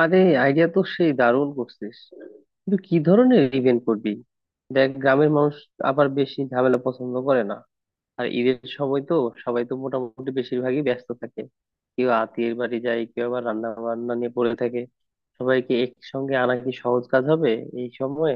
আরে আইডিয়া তো সেই দারুণ করছিস। কিন্তু কি ধরনের ইভেন্ট করবি? দেখ, গ্রামের মানুষ আবার বেশি ঝামেলা পছন্দ করে না। আর ঈদের সময় তো সবাই তো মোটামুটি বেশিরভাগই ব্যস্ত থাকে। কেউ আত্মীয়ের বাড়ি যায়, কেউ আবার রান্না বান্না নিয়ে পড়ে থাকে। সবাইকে একসঙ্গে আনা কি সহজ কাজ হবে এই সময়ে?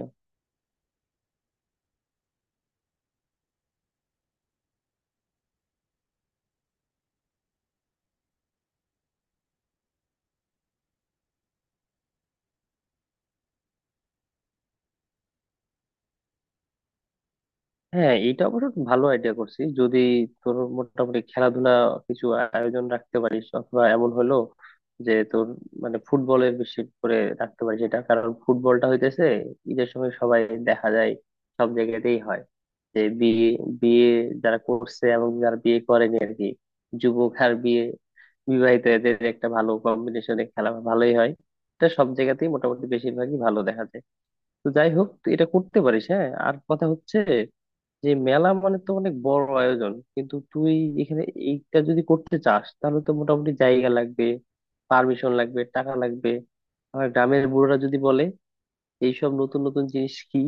হ্যাঁ, এটা অবশ্য ভালো আইডিয়া। করছি যদি তোর মোটামুটি খেলাধুলা কিছু আয়োজন রাখতে পারিস, অথবা এমন হলো যে তোর ফুটবলের বেশি করে রাখতে পারিস। এটা কারণ ফুটবলটা হইতেছে ঈদের সময় সবাই দেখা যায় সব জায়গাতেই হয়, যে বিয়ে বিয়ে যারা করছে এবং যারা বিয়ে করেনি আর কি। যুবক আর বিবাহিত, এদের একটা ভালো কম্বিনেশনে খেলা ভালোই হয়। এটা সব জায়গাতেই মোটামুটি বেশিরভাগই ভালো দেখা যায়। তো যাই হোক, তুই এটা করতে পারিস। হ্যাঁ, আর কথা হচ্ছে যে মেলা মানে তো অনেক বড় আয়োজন, কিন্তু তুই এখানে এইটা যদি করতে চাস তাহলে তো মোটামুটি জায়গা লাগবে, পারমিশন লাগবে, টাকা লাগবে। আবার গ্রামের বুড়োরা যদি বলে এইসব নতুন নতুন জিনিস কি,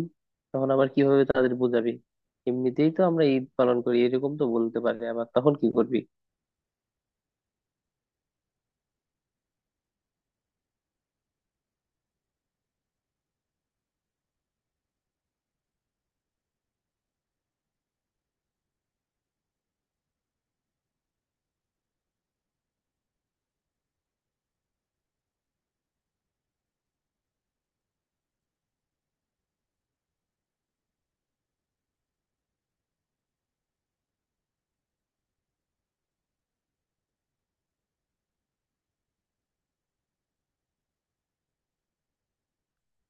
তখন আবার কিভাবে তাদের বোঝাবি? এমনিতেই তো আমরা ঈদ পালন করি, এরকম তো বলতে পারে, আবার তখন কি করবি?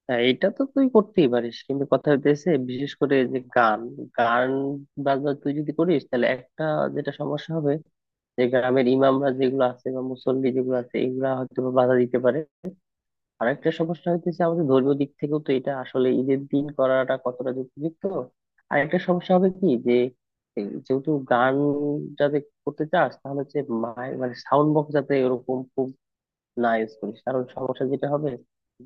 হ্যাঁ, এটা তো তুই করতেই পারিস, কিন্তু কথা হইতেছে বিশেষ করে যে গান গান বাজনা তুই যদি করিস তাহলে একটা যেটা সমস্যা হবে, যে গ্রামের ইমামরা যেগুলো আছে বা মুসল্লি যেগুলো আছে এগুলা হয়তো বা বাধা দিতে পারে। আর একটা সমস্যা হইতেছে, আমাদের ধর্মীয় দিক থেকেও তো এটা আসলে ঈদের দিন করাটা কতটা যুক্তিযুক্ত। আর একটা সমস্যা হবে কি, যে এই যেহেতু গান যাতে করতে চাস, তাহলে হচ্ছে মানে সাউন্ড বক্স যাতে এরকম খুব না ইউজ করিস, কারণ সমস্যা যেটা হবে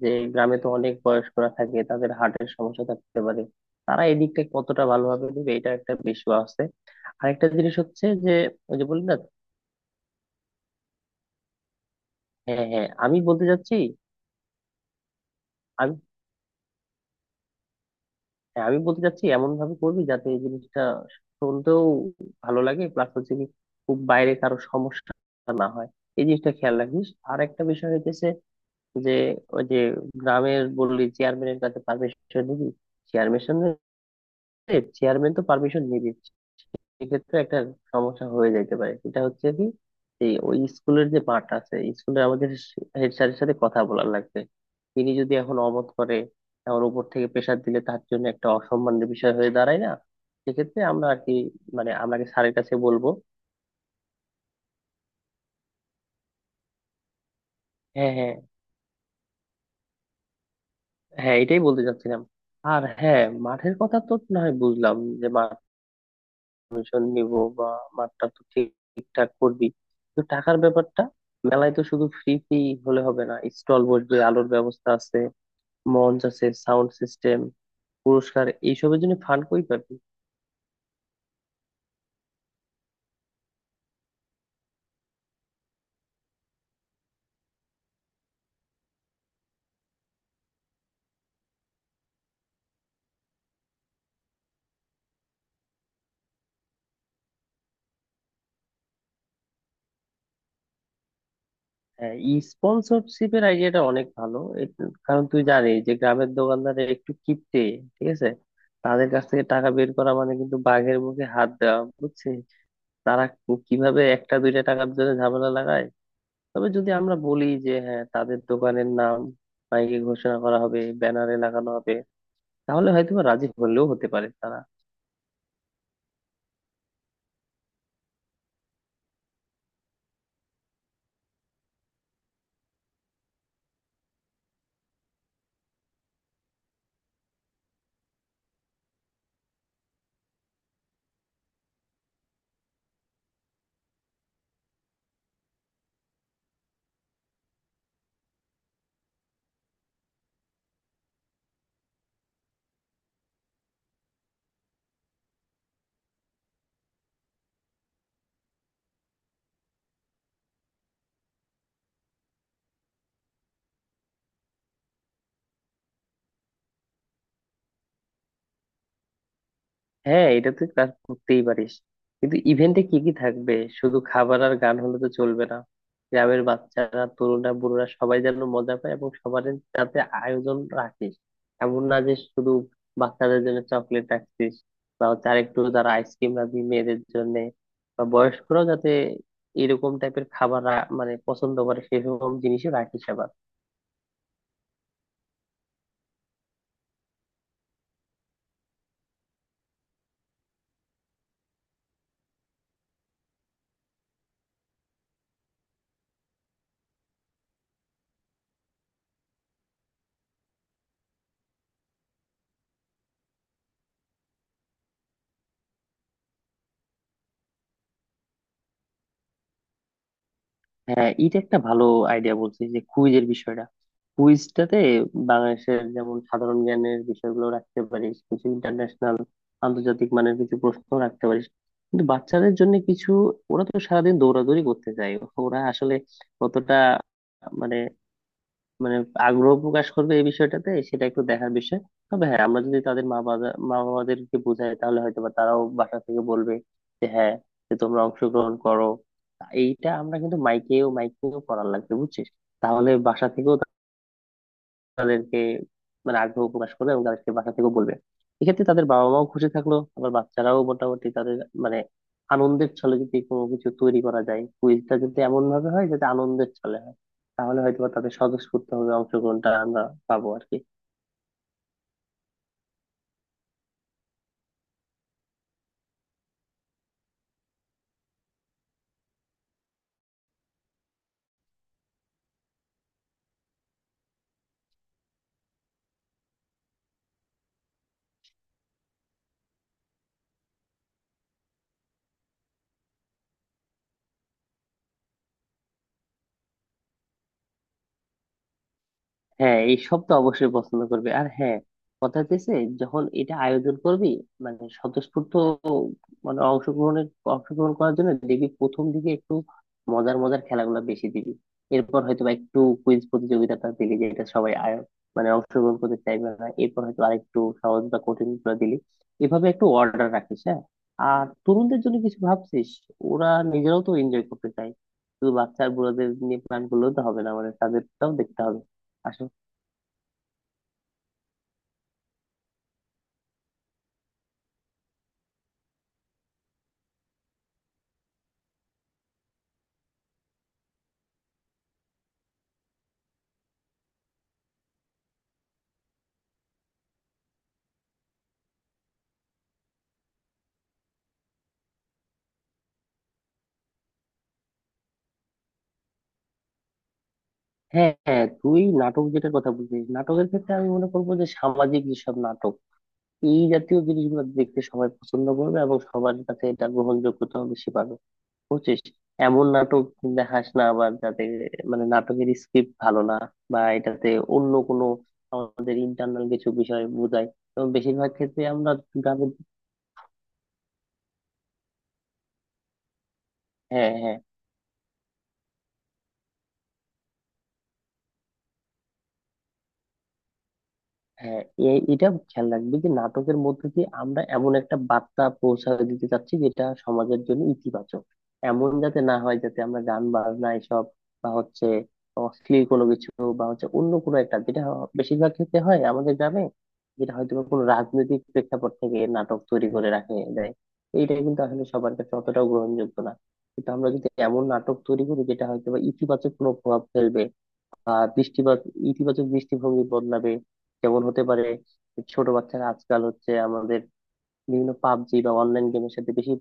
যে গ্রামে তো অনেক বয়স্করা থাকে, তাদের হার্টের সমস্যা থাকতে পারে। তারা এই দিকটা কতটা ভালোভাবে নিবে এটা একটা বিষয় আছে। আরেকটা জিনিস হচ্ছে যে ওই যে বললি না। হ্যাঁ, হ্যাঁ, আমি বলতে চাচ্ছি আমি হ্যাঁ, আমি বলতে চাচ্ছি এমন ভাবে করবি যাতে এই জিনিসটা শুনতেও ভালো লাগে, প্লাস হচ্ছে কি খুব বাইরে কারো সমস্যা না হয়, এই জিনিসটা খেয়াল রাখিস। আর একটা বিষয় হইতেছে যে, ওই যে গ্রামের বললি চেয়ারম্যানের কাছে পারমিশন নিবি, চেয়ারম্যান চেয়ারম্যান তো পারমিশন নিবি, এক্ষেত্রে একটা সমস্যা হয়ে যাইতে পারে। সেটা হচ্ছে কি, এই ওই স্কুলের যে মাঠ আছে, স্কুলের আমাদের হেড স্যারের সাথে কথা বলার লাগবে। তিনি যদি এখন অমত করে, এখন উপর থেকে প্রেসার দিলে তার জন্য একটা অসম্মানের বিষয় হয়ে দাঁড়ায় না? সেক্ষেত্রে আমরা আর কি, মানে আমরা স্যারের কাছে বলবো। হ্যাঁ, হ্যাঁ। হ্যাঁ, এটাই বলতে চাচ্ছিলাম। আর হ্যাঁ, মাঠের কথা তো না হয় বুঝলাম, যে কমিশন নিব, বা মাঠটা তো ঠিকঠাক করবি। কিন্তু টাকার ব্যাপারটা, মেলায় তো শুধু ফ্রি ফ্রি হলে হবে না, স্টল বসবে, আলোর ব্যবস্থা আছে, মঞ্চ আছে, সাউন্ড সিস্টেম, পুরস্কার, এইসবের জন্য ফান্ড কই পাবি? হ্যাঁ, ই স্পন্সরশিপের আইডিয়াটা অনেক ভালো। কারণ তুই জানিস যে গ্রামের দোকানদারে একটু কিপটে। ঠিক আছে, তাদের কাছ থেকে টাকা বের করা মানে কিন্তু বাঘের মুখে হাত দেওয়া, বুঝছিস। তারা কিভাবে একটা দুইটা টাকার জন্য ঝামেলা লাগায়। তবে যদি আমরা বলি যে হ্যাঁ, তাদের দোকানের নাম মাইকে ঘোষণা করা হবে, ব্যানারে লাগানো হবে, তাহলে হয়তো বা রাজি হলেও হতে পারে তারা। হ্যাঁ, এটা তুই কাজ করতেই পারিস, কিন্তু ইভেন্টে কি কি থাকবে? শুধু খাবার আর গান হলে তো চলবে না। গ্রামের বাচ্চারা, তরুণরা, বুড়োরা সবাই যেন মজা পায় এবং সবার যাতে আয়োজন রাখিস। এমন না যে শুধু বাচ্চাদের জন্য চকলেট রাখছিস, বা হচ্ছে আরেকটু যারা আইসক্রিম রাখবি মেয়েদের জন্য, বা বয়স্করাও যাতে এরকম টাইপের খাবার মানে পছন্দ করে সেরকম জিনিসও রাখিস আবার। হ্যাঁ, এটা একটা ভালো আইডিয়া বলছিস, যে কুইজের বিষয়টা। কুইজটাতে বাংলাদেশের যেমন সাধারণ জ্ঞানের বিষয়গুলো রাখতে পারিস, কিছু ইন্টারন্যাশনাল আন্তর্জাতিক মানের কিছু প্রশ্ন রাখতে পারিস। কিন্তু বাচ্চাদের জন্য কিছু, ওরা তো সারাদিন দৌড়াদৌড়ি করতে চায়, ওরা আসলে কতটা মানে মানে আগ্রহ প্রকাশ করবে এই বিষয়টাতে সেটা একটু দেখার বিষয়। তবে হ্যাঁ, আমরা যদি তাদের মা বাবাদেরকে বোঝাই তাহলে হয়তো বা তারাও বাসা থেকে বলবে যে হ্যাঁ, যে তোমরা অংশগ্রহণ করো। এইটা আমরা কিন্তু মাইকেও মাইকেও করার লাগবে, বুঝছিস। তাহলে বাসা থেকেও তাদেরকে মানে আগ্রহ প্রকাশ করবে এবং তাদেরকে বাসা থেকেও বলবে। এক্ষেত্রে তাদের বাবা মাও খুশি থাকলো, আবার বাচ্চারাও মোটামুটি তাদের মানে আনন্দের ছলে যদি কোনো কিছু তৈরি করা যায়, কুইজটা যদি এমন ভাবে হয় যাতে আনন্দের ছলে হয়, তাহলে হয়তো বা তাদের স্বতঃস্ফূর্ত ভাবে অংশগ্রহণটা আমরা পাবো আর কি। হ্যাঁ, এইসব তো অবশ্যই পছন্দ করবে। আর হ্যাঁ, কথা হচ্ছে যখন এটা আয়োজন করবি, মানে স্বতঃস্ফূর্ত মানে অংশগ্রহণ করার জন্য দেখবি প্রথম দিকে একটু মজার মজার খেলাগুলো বেশি দিবি, এরপর হয়তো বা একটু কুইজ প্রতিযোগিতাটা দিলি যেটা সবাই মানে অংশগ্রহণ করতে চাইবে না, এরপর হয়তো আরেকটু সহজ বা কঠিন করে দিলি। এভাবে একটু অর্ডার রাখিস। হ্যাঁ, আর তরুণদের জন্য কিছু ভাবছিস? ওরা নিজেরাও তো এনজয় করতে চায়। শুধু বাচ্চা আর বুড়োদের নিয়ে প্ল্যান করলেও তো হবে না, মানে তাদেরটাও দেখতে হবে। হ্যাঁ, হ্যাঁ, তুই নাটক যেটার কথা বলছিস, নাটকের ক্ষেত্রে আমি মনে করবো যে সামাজিক যেসব নাটক, এই জাতীয় জিনিসগুলো দেখতে সবাই পছন্দ করবে এবং সবার কাছে এটা গ্রহণযোগ্যতাও বেশি পাবে, বুঝছিস। এমন নাটক দেখাস না আবার যাতে মানে নাটকের স্ক্রিপ্ট ভালো না, বা এটাতে অন্য কোনো আমাদের ইন্টারনাল কিছু বিষয় বোঝায়, তো বেশিরভাগ ক্ষেত্রে আমরা গ্রামের। হ্যাঁ হ্যাঁ হ্যাঁ, এটা খেয়াল রাখবে যে নাটকের মধ্যে দিয়ে আমরা এমন একটা বার্তা পৌঁছায় দিতে চাচ্ছি যেটা সমাজের জন্য ইতিবাচক। এমন যাতে না হয় যাতে আমরা গান বাজনা এসব, বা হচ্ছে অশ্লীল কোনো কিছু, বা হচ্ছে অন্য কোনো একটা যেটা বেশিরভাগ ক্ষেত্রে হয় আমাদের গ্রামে, যেটা হয়তো বা কোনো রাজনৈতিক প্রেক্ষাপট থেকে নাটক তৈরি করে রাখে দেয়। এইটা কিন্তু আসলে সবার কাছে অতটাও গ্রহণযোগ্য না। কিন্তু আমরা যদি এমন নাটক তৈরি করি যেটা হয়তো বা ইতিবাচক কোনো প্রভাব ফেলবে। আহ দৃষ্টিপাত, ইতিবাচক দৃষ্টিভঙ্গি বদলাবে। যেমন হতে পারে ছোট বাচ্চারা আজকাল হচ্ছে আমাদের বিভিন্ন পাবজি বা অনলাইন গেমের সাথে বেশি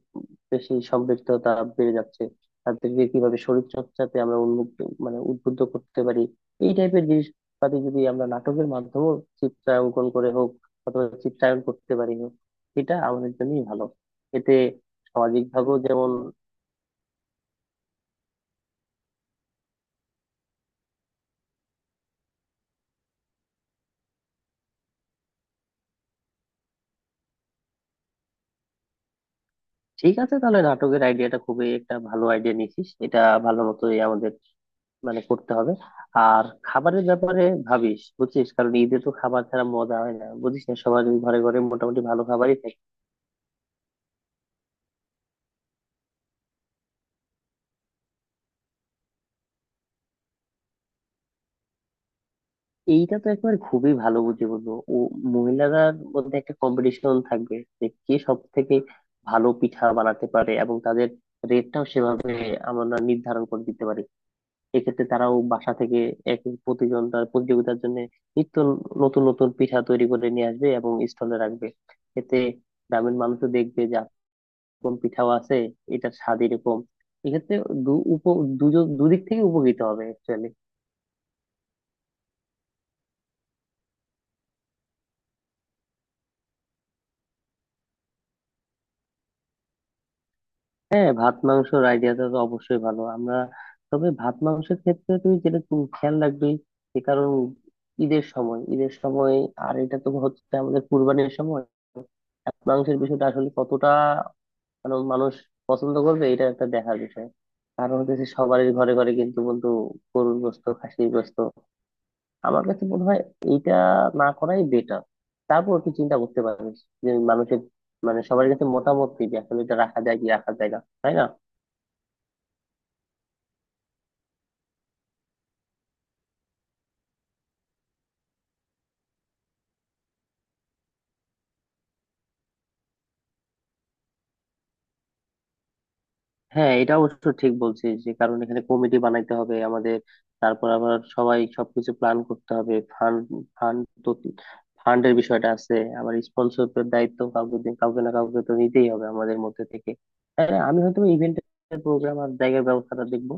বেশি সম্পৃক্ততা বেড়ে যাচ্ছে। তাদেরকে কিভাবে শরীর চর্চাতে আমরা উন্মুক্ত মানে উদ্বুদ্ধ করতে পারি, এই টাইপের জিনিসপাতি যদি আমরা নাটকের মাধ্যমেও চিত্রাঙ্কন করে হোক অথবা চিত্রায়ন করতে পারি হোক, এটা আমাদের জন্যই ভালো। এতে সামাজিক ভাবেও যেমন ঠিক আছে। তাহলে নাটকের আইডিয়াটা খুবই একটা ভালো আইডিয়া নিয়েছিস, এটা ভালো মতোই আমাদের মানে করতে হবে। আর খাবারের ব্যাপারে ভাবিস, বুঝছিস, কারণ ঈদে তো খাবার ছাড়া মজা হয় না, বুঝিস না সবার ঘরে ঘরে মোটামুটি ভালো খাবারই থাকে। এইটা তো একবার খুবই ভালো বুঝে বলবো। ও, মহিলাদের মধ্যে একটা কম্পিটিশন থাকবে যে কে সব থেকে ভালো পিঠা বানাতে পারে, এবং তাদের রেটটাও সেভাবে আমরা নির্ধারণ করে দিতে পারি। এক্ষেত্রে তারাও বাসা থেকে এক এক প্রতিজন তার প্রতিযোগিতার জন্য নিত্য নতুন নতুন পিঠা তৈরি করে নিয়ে আসবে এবং স্টলে রাখবে। এতে গ্রামের মানুষও দেখবে যে এরকম পিঠাও আছে, এটার স্বাদ এরকম। এক্ষেত্রে দু উপ দুজন দুদিক থেকে উপকৃত হবে অ্যাকচুয়ালি। হ্যাঁ, ভাত মাংসের আইডিয়াটা তো অবশ্যই ভালো আমরা। তবে ভাত মাংসের ক্ষেত্রে তুই যেটা তুমি খেয়াল রাখবি যে কারণ ঈদের সময়, আর এটা তো হচ্ছে আমাদের কুরবানির সময়, ভাত মাংসের বিষয়টা আসলে কতটা মানে মানুষ পছন্দ করবে এটা একটা দেখার বিষয়। কারণ হচ্ছে সবারই ঘরে ঘরে কিন্তু বন্ধু গরুর গোশত, খাসির গোশত। আমার কাছে মনে হয় এইটা না করাই বেটার। তারপর তুই চিন্তা করতে পারিস যে মানুষের মানে সবার কাছে মতামত কি, যে আসলে এটা রাখা যায় কি রাখা যায় না, তাই না? হ্যাঁ, এটা অবশ্য ঠিক বলছিস যে কারণ এখানে কমিটি বানাইতে হবে আমাদের। তারপর আবার সবাই সবকিছু প্ল্যান করতে হবে। ফান্ড ফান্ড তো ফান্ডের বিষয়টা আছে, আবার স্পন্সরের দায়িত্ব কাউকে না কাউকে তো নিতেই হবে আমাদের মধ্যে থেকে। হ্যাঁ, আমি হয়তো ইভেন্টের প্রোগ্রাম আর জায়গার ব্যবস্থাটা দেখবো।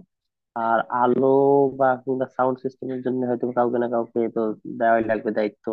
আর আলো বা কিংবা সাউন্ড সিস্টেমের জন্য হয়তো কাউকে না কাউকে তো দেওয়াই লাগবে দায়িত্ব।